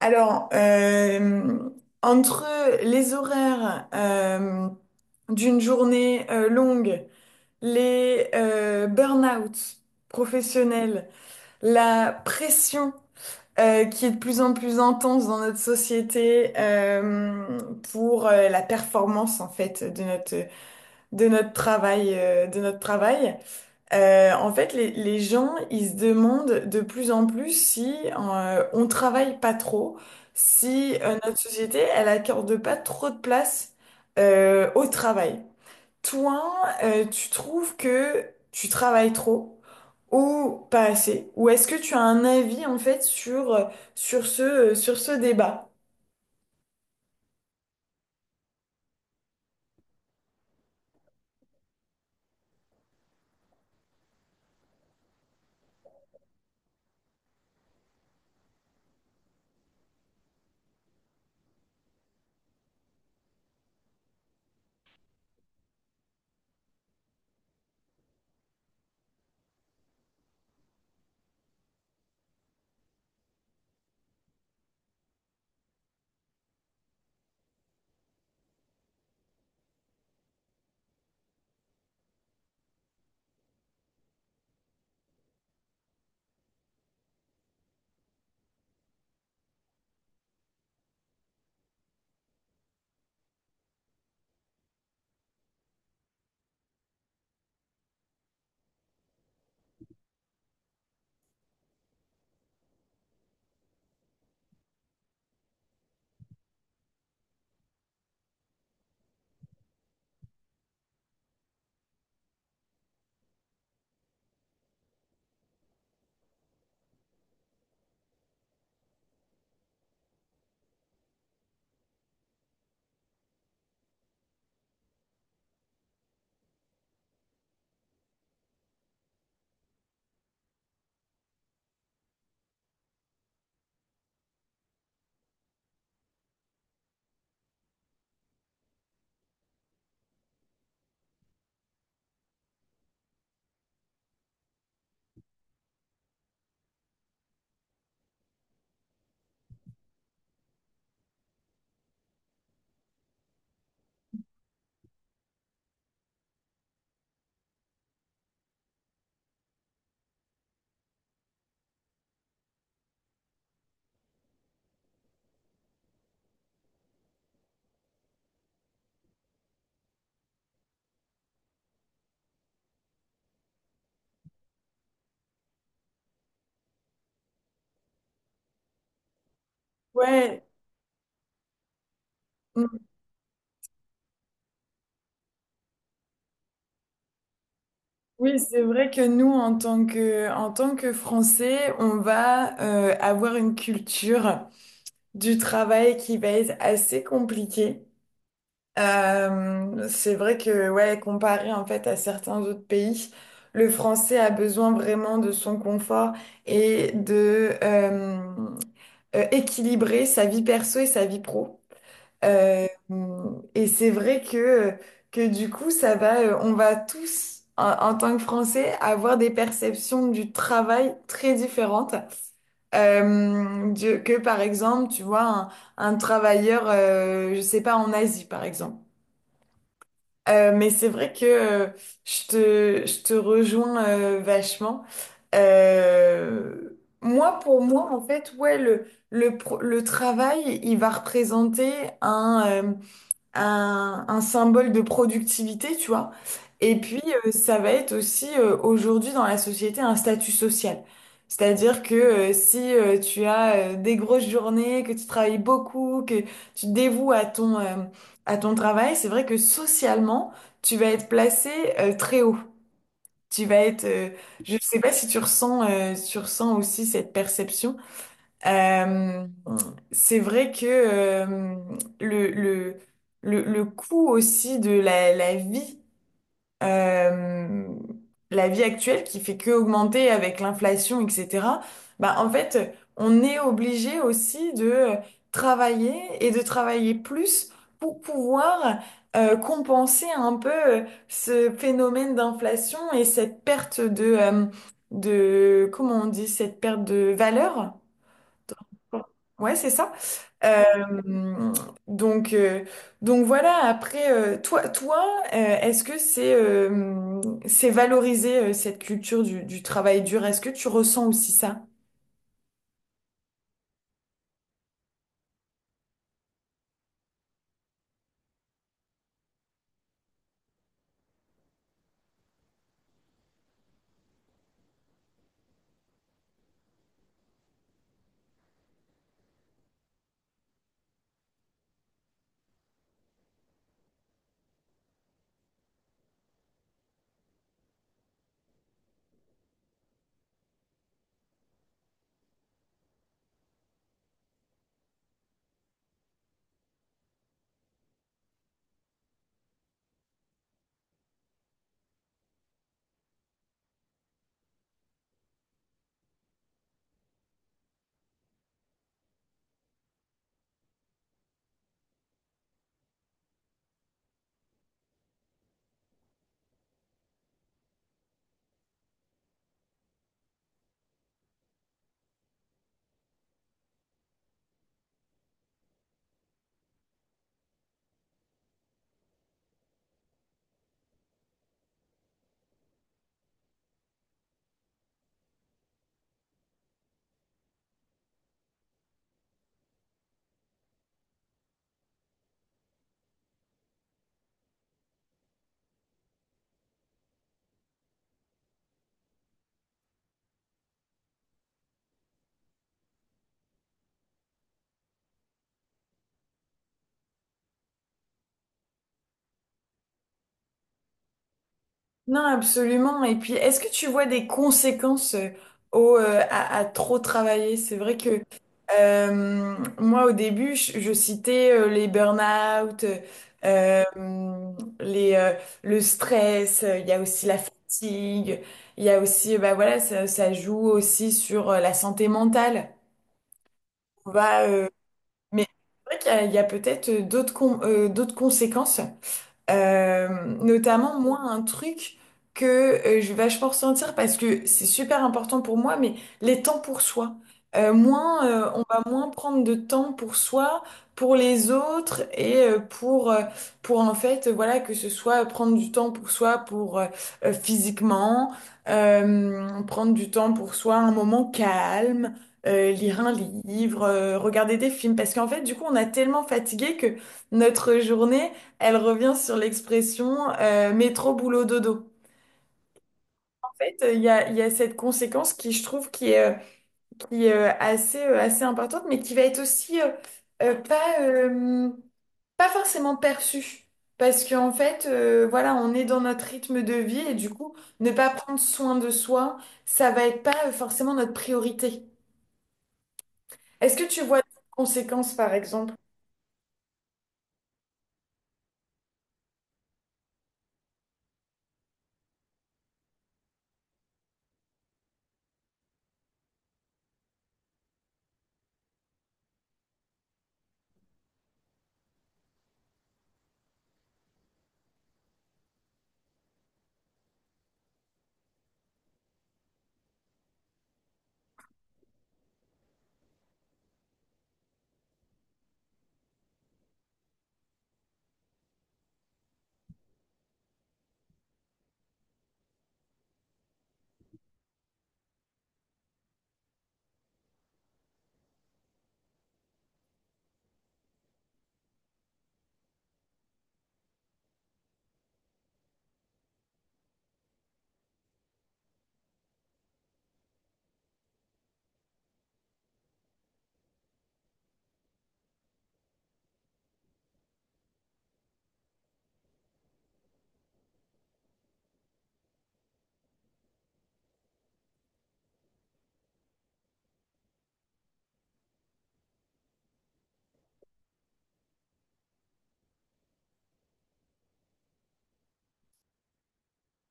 Alors, euh, entre les horaires d'une journée longue, les burn-out professionnels, la pression qui est de plus en plus intense dans notre société pour la performance en fait de notre travail. Les gens, ils se demandent de plus en plus si on travaille pas trop, si notre société, elle accorde pas trop de place au travail. Toi, tu trouves que tu travailles trop ou pas assez? Ou est-ce que tu as un avis en fait sur ce débat? Ouais, mm, oui, c'est vrai que nous, en tant que Français, on va avoir une culture. Du travail qui va être assez compliqué. C'est vrai que, ouais, comparé en fait à certains autres pays, le français a besoin vraiment de son confort et de équilibrer sa vie perso et sa vie pro. Euh, et c'est vrai que du coup, ça va, on va tous, en tant que Français, avoir des perceptions du travail très différentes. Que par exemple, tu vois, un travailleur, je sais pas, en Asie, par exemple. Mais c'est vrai que je te rejoins vachement. Moi, pour moi, en fait, ouais, le travail, il va représenter un, un symbole de productivité, tu vois. Et puis, ça va être aussi aujourd'hui dans la société un statut social. C'est-à-dire que si tu as des grosses journées, que tu travailles beaucoup, que tu te dévoues à à ton travail, c'est vrai que socialement, tu vas être placé très haut. Tu vas être, euh, je ne sais pas si tu ressens, tu ressens aussi cette perception. Euh, c'est vrai que le, le, le coût aussi de euh, la vie actuelle qui fait que augmenter avec l'inflation, etc., bah, en fait, on est obligé aussi de travailler et de travailler plus pour pouvoir compenser un peu ce phénomène d'inflation et cette perte de, comment on dit, cette perte de valeur. Ouais, c'est ça. Euh, donc, euh, donc voilà, après, toi est-ce que c'est valorisé cette culture du travail dur? Est-ce que tu ressens aussi ça? Non, absolument. Et puis, est-ce que tu vois des conséquences à trop travailler? C'est vrai que moi, au début, je citais les burn-out, euh, les, euh, le stress, il y a aussi la fatigue, il y a aussi, bah voilà, ça joue aussi sur la santé mentale. On va, euh, mais c'est vrai qu'il y a, il y a peut-être d'autres conséquences. Euh, Notamment, moi, un truc que je vais vachement ressentir parce que c'est super important pour moi, mais les temps pour soi. On va moins prendre de temps pour soi, pour les autres et pour en fait, voilà, que ce soit prendre du temps pour soi, pour physiquement, prendre du temps pour soi, un moment calme, lire un livre, regarder des films. Parce qu'en fait, du coup, on a tellement fatigué que notre journée elle revient sur l'expression métro boulot dodo. En fait, il y a cette conséquence qui, je trouve, qui est, assez importante, mais qui va être aussi euh, pas, euh, pas forcément perçue. Parce qu'en fait, voilà, on est dans notre rythme de vie et du coup, ne pas prendre soin de soi, ça va être pas forcément notre priorité. Est-ce que tu vois des conséquences, par exemple?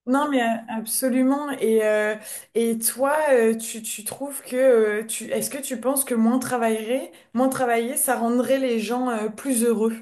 Non, mais absolument. Et toi, tu trouves que tu est-ce que tu penses que moins travailler, ça rendrait les gens plus heureux?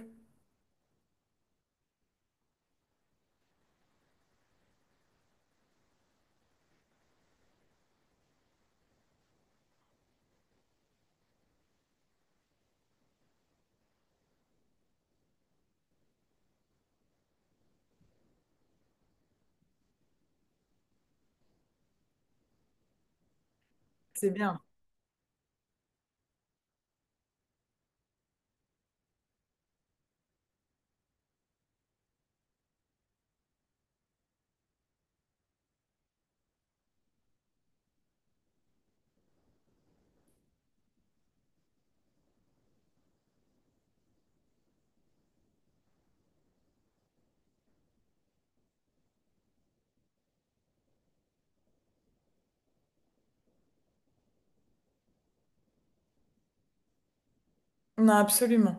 C'est bien. Non, absolument.